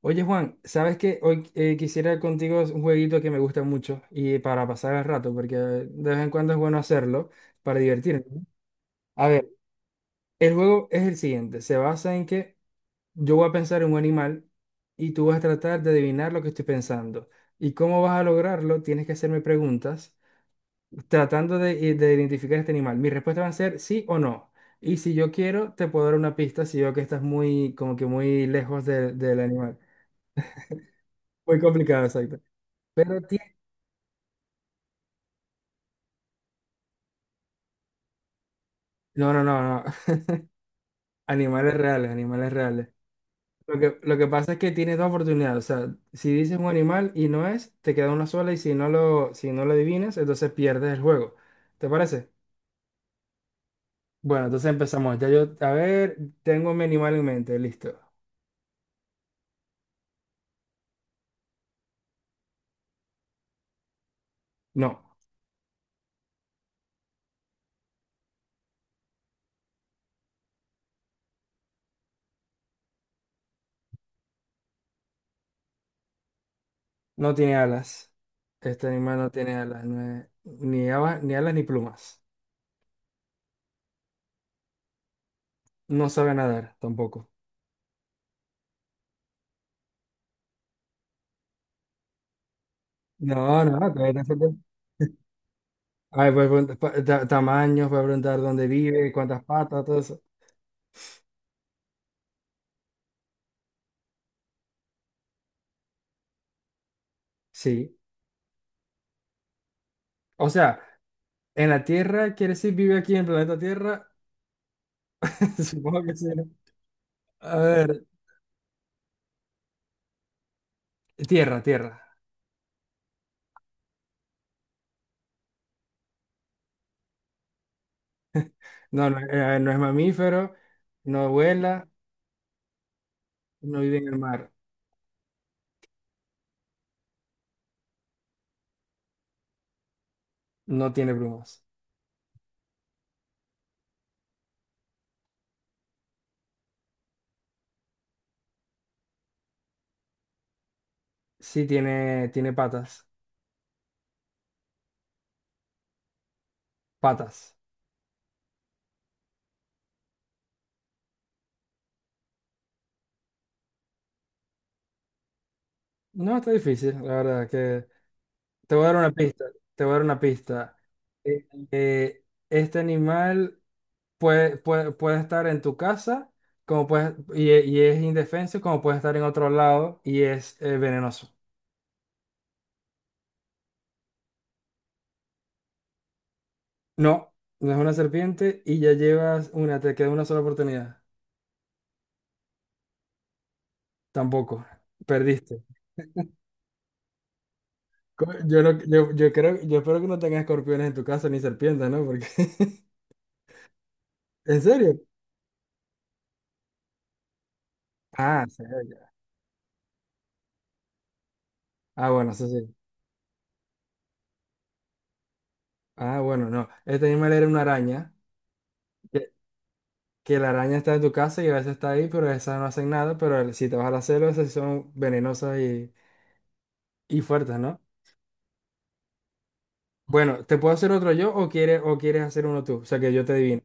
Oye Juan, ¿sabes qué? Hoy quisiera contigo un jueguito que me gusta mucho y para pasar el rato, porque de vez en cuando es bueno hacerlo para divertirme, ¿no? A ver, el juego es el siguiente, se basa en que yo voy a pensar en un animal y tú vas a tratar de adivinar lo que estoy pensando. ¿Y cómo vas a lograrlo? Tienes que hacerme preguntas tratando de identificar este animal. Mis respuestas van a ser sí o no. Y si yo quiero, te puedo dar una pista si veo que estás muy, como que muy lejos del animal. Muy complicado, exacto. Pero no, no, no, no. Animales reales, animales reales. Lo que pasa es que tienes dos oportunidades. O sea, si dices un animal y no es, te queda una sola y si no lo, si no lo adivinas, entonces pierdes el juego. ¿Te parece? Bueno, entonces empezamos. Ya yo, a ver, tengo mi animal en mente, listo. No, no tiene alas. Este animal no tiene alas, no es- ni alas, ni alas ni plumas. No sabe nadar tampoco. No, no, no, todavía te falta- Ay, tamaños, voy a preguntar dónde vive, cuántas patas, todo eso. Sí. O sea, en la Tierra, ¿quiere decir vive aquí en el planeta Tierra? Supongo que sí, ¿no? A ver, Tierra, Tierra. No es mamífero, no vuela, no vive en el mar, no tiene plumas. Sí tiene, tiene patas, patas. No, está difícil, la verdad que... Te voy a dar una pista, te voy a dar una pista. Eh, este animal puede estar en tu casa como puede, y es indefenso, como puede estar en otro lado y es venenoso. No, no es una serpiente y ya llevas una, te queda una sola oportunidad. Tampoco, perdiste. Co- Yo, no- yo creo, yo espero que no tengas escorpiones en tu casa ni serpientes, ¿no? Porque, ¿en serio? Ah, en serio. Ah, bueno, eso sí. Ah, bueno, no. Este animal era una araña, que, que la araña está en tu casa y a veces está ahí, pero esas no hacen nada, pero el- si te vas a la selva, esas sí son venenosas y fuertes, ¿no? Bueno, ¿te puedo hacer otro yo o quieres hacer uno tú? O sea, que yo te adivine.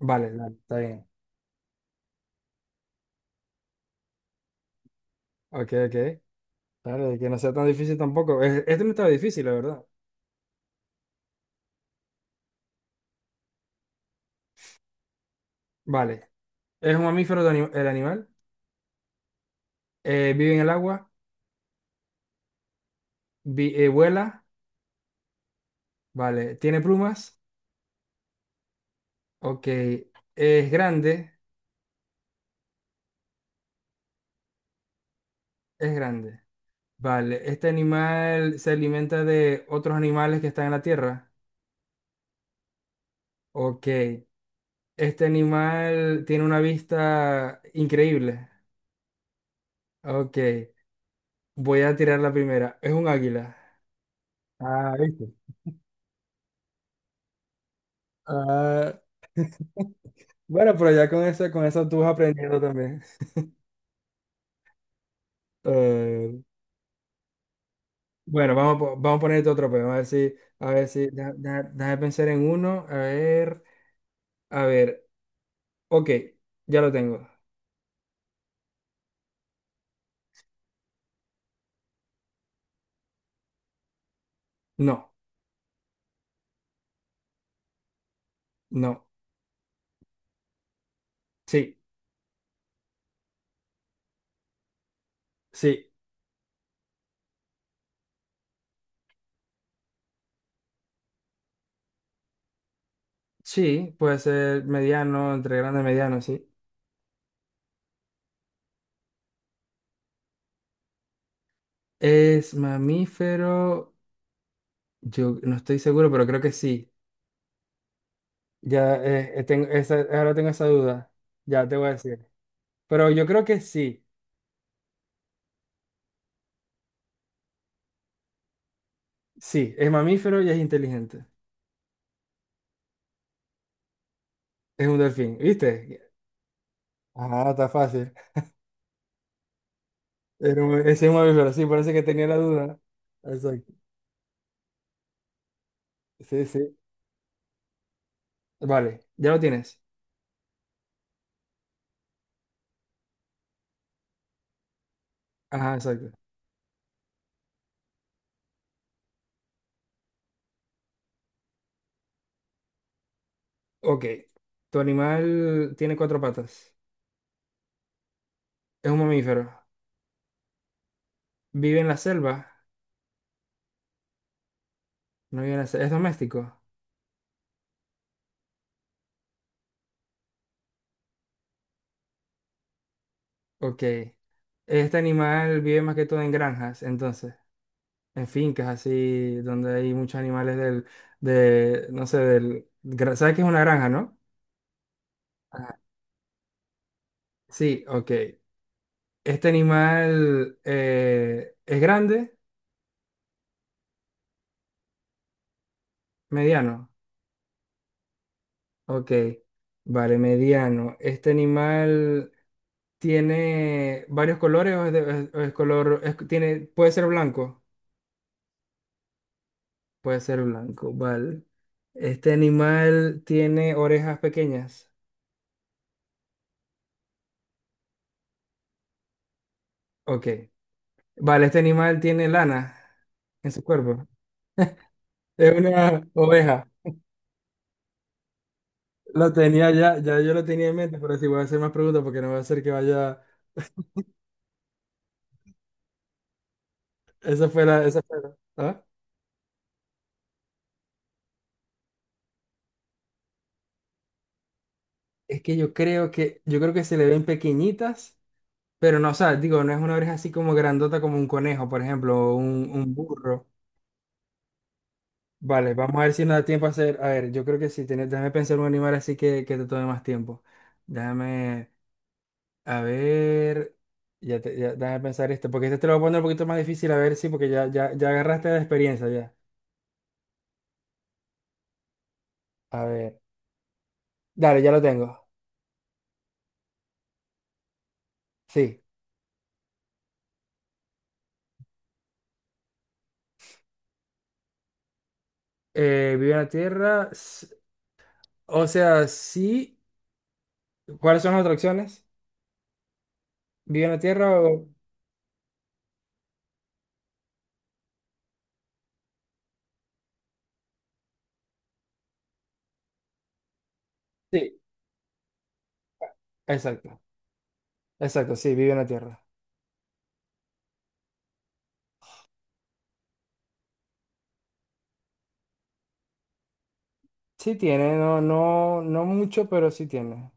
Vale, dale, está bien. Ok, ok. Claro, que no sea tan difícil tampoco. Es- Este no estaba difícil, la verdad. Vale. Es un mamífero de ani- el animal. Vive en el agua. Vuela. Vale. Tiene plumas. Ok. Es grande. Es grande. Vale. Este animal se alimenta de otros animales que están en la tierra. Ok. Este animal tiene una vista increíble. Ok. Voy a tirar la primera. Es un águila. Ah, ¿viste? Ah, bueno, pero ya con esa tú vas aprendiendo también. Eh, bueno, vamos, a po- vamos a ponerte otro pero a ver si, déjame pensar en uno, a ver, ok, ya lo tengo. No, no, sí, sí, sí, puede ser mediano, entre grande y mediano, sí. Es mamífero, yo no estoy seguro, pero creo que sí. Ya tengo esa, ahora tengo esa duda, ya te voy a decir. Pero yo creo que sí, sí, es mamífero y es inteligente. Es un delfín, ¿viste? Ah, está fácil. Era un- ese es un mamífero, sí, parece que tenía la duda. Exacto. Sí, sí. Vale, ya lo tienes. Ajá, exacto. Ok. Tu animal tiene cuatro patas. Es un mamífero. Vive en la selva. No vive en la selva. Es doméstico. Ok. Este animal vive más que todo en granjas, entonces. En fincas así, donde hay muchos animales del, de, no sé, del, gra- ¿sabes qué es una granja, no? Ajá. Sí, ok. Este animal es grande, mediano. Ok, vale, mediano. ¿Este animal tiene varios colores o es, o es color, es- tiene, puede ser blanco? Puede ser blanco, vale. ¿Este animal tiene orejas pequeñas? Ok, vale, ¿este animal tiene lana en su cuerpo? Es una oveja. Lo tenía ya, ya yo lo tenía en mente, pero si voy a hacer más preguntas porque no va a ser que vaya, esa fue la- ¿ah? Es que yo creo que, yo creo que se le ven pequeñitas. Pero no, o sea, digo, no es una oreja así como grandota como un conejo, por ejemplo, o un burro. Vale, vamos a ver si nos da tiempo a hacer. A ver, yo creo que sí, tiene- déjame pensar un animal así que te tome más tiempo. Déjame, a ver, ya, te- ya- déjame pensar este, porque este te lo voy a poner un poquito más difícil, a ver, sí, porque ya, ya, ya agarraste la experiencia ya. A ver, dale, ya lo tengo. Sí. Vive en la tierra, s- o sea, sí. ¿Cuáles son las otras opciones? ¿Vive en la tierra o...? Sí. Exacto. Exacto, sí, vive en la Tierra. Sí tiene, no, no, no mucho, pero sí tiene.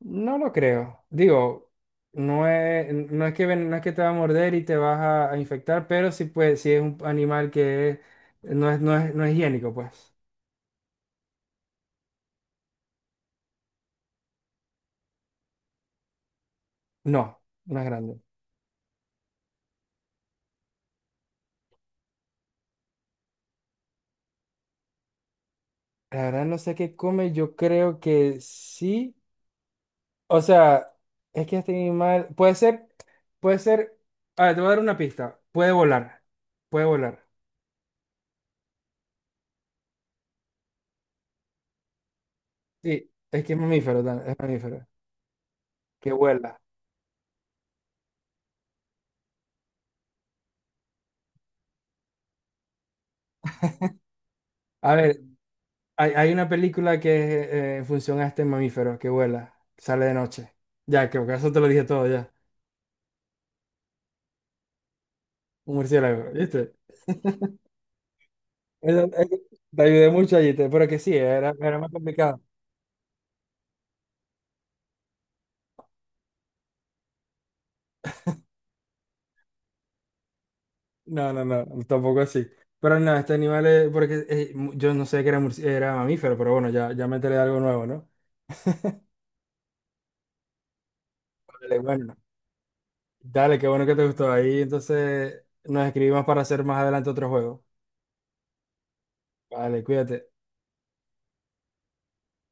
No lo creo. Digo, no es, no es que ven- no es que te va a morder y te vas a infectar, pero sí puede, sí es un animal que es- no es, no es, no es higiénico, pues. No, no es grande. La verdad no sé qué come, yo creo que sí. O sea, es que este animal puede ser, puede ser. A ver, te voy a dar una pista. Puede volar. Puede volar. Sí, es que es mamífero, tan- es mamífero. Que vuela. A ver, hay una película que es en función a este mamífero que vuela, sale de noche. Ya, creo que eso te lo dije todo ya. Un murciélago, ¿viste? Eso- eso- te ayudé mucho allí, te- pero que sí, era, era más complicado. No, no, no, tampoco así. Pero no, este animal es, porque mu- yo no sé que era, murci- era mamífero, pero bueno, ya, ya me métele algo nuevo, ¿no? Dale, bueno, dale, qué bueno que te gustó. Ahí entonces nos escribimos para hacer más adelante otro juego. Vale, cuídate.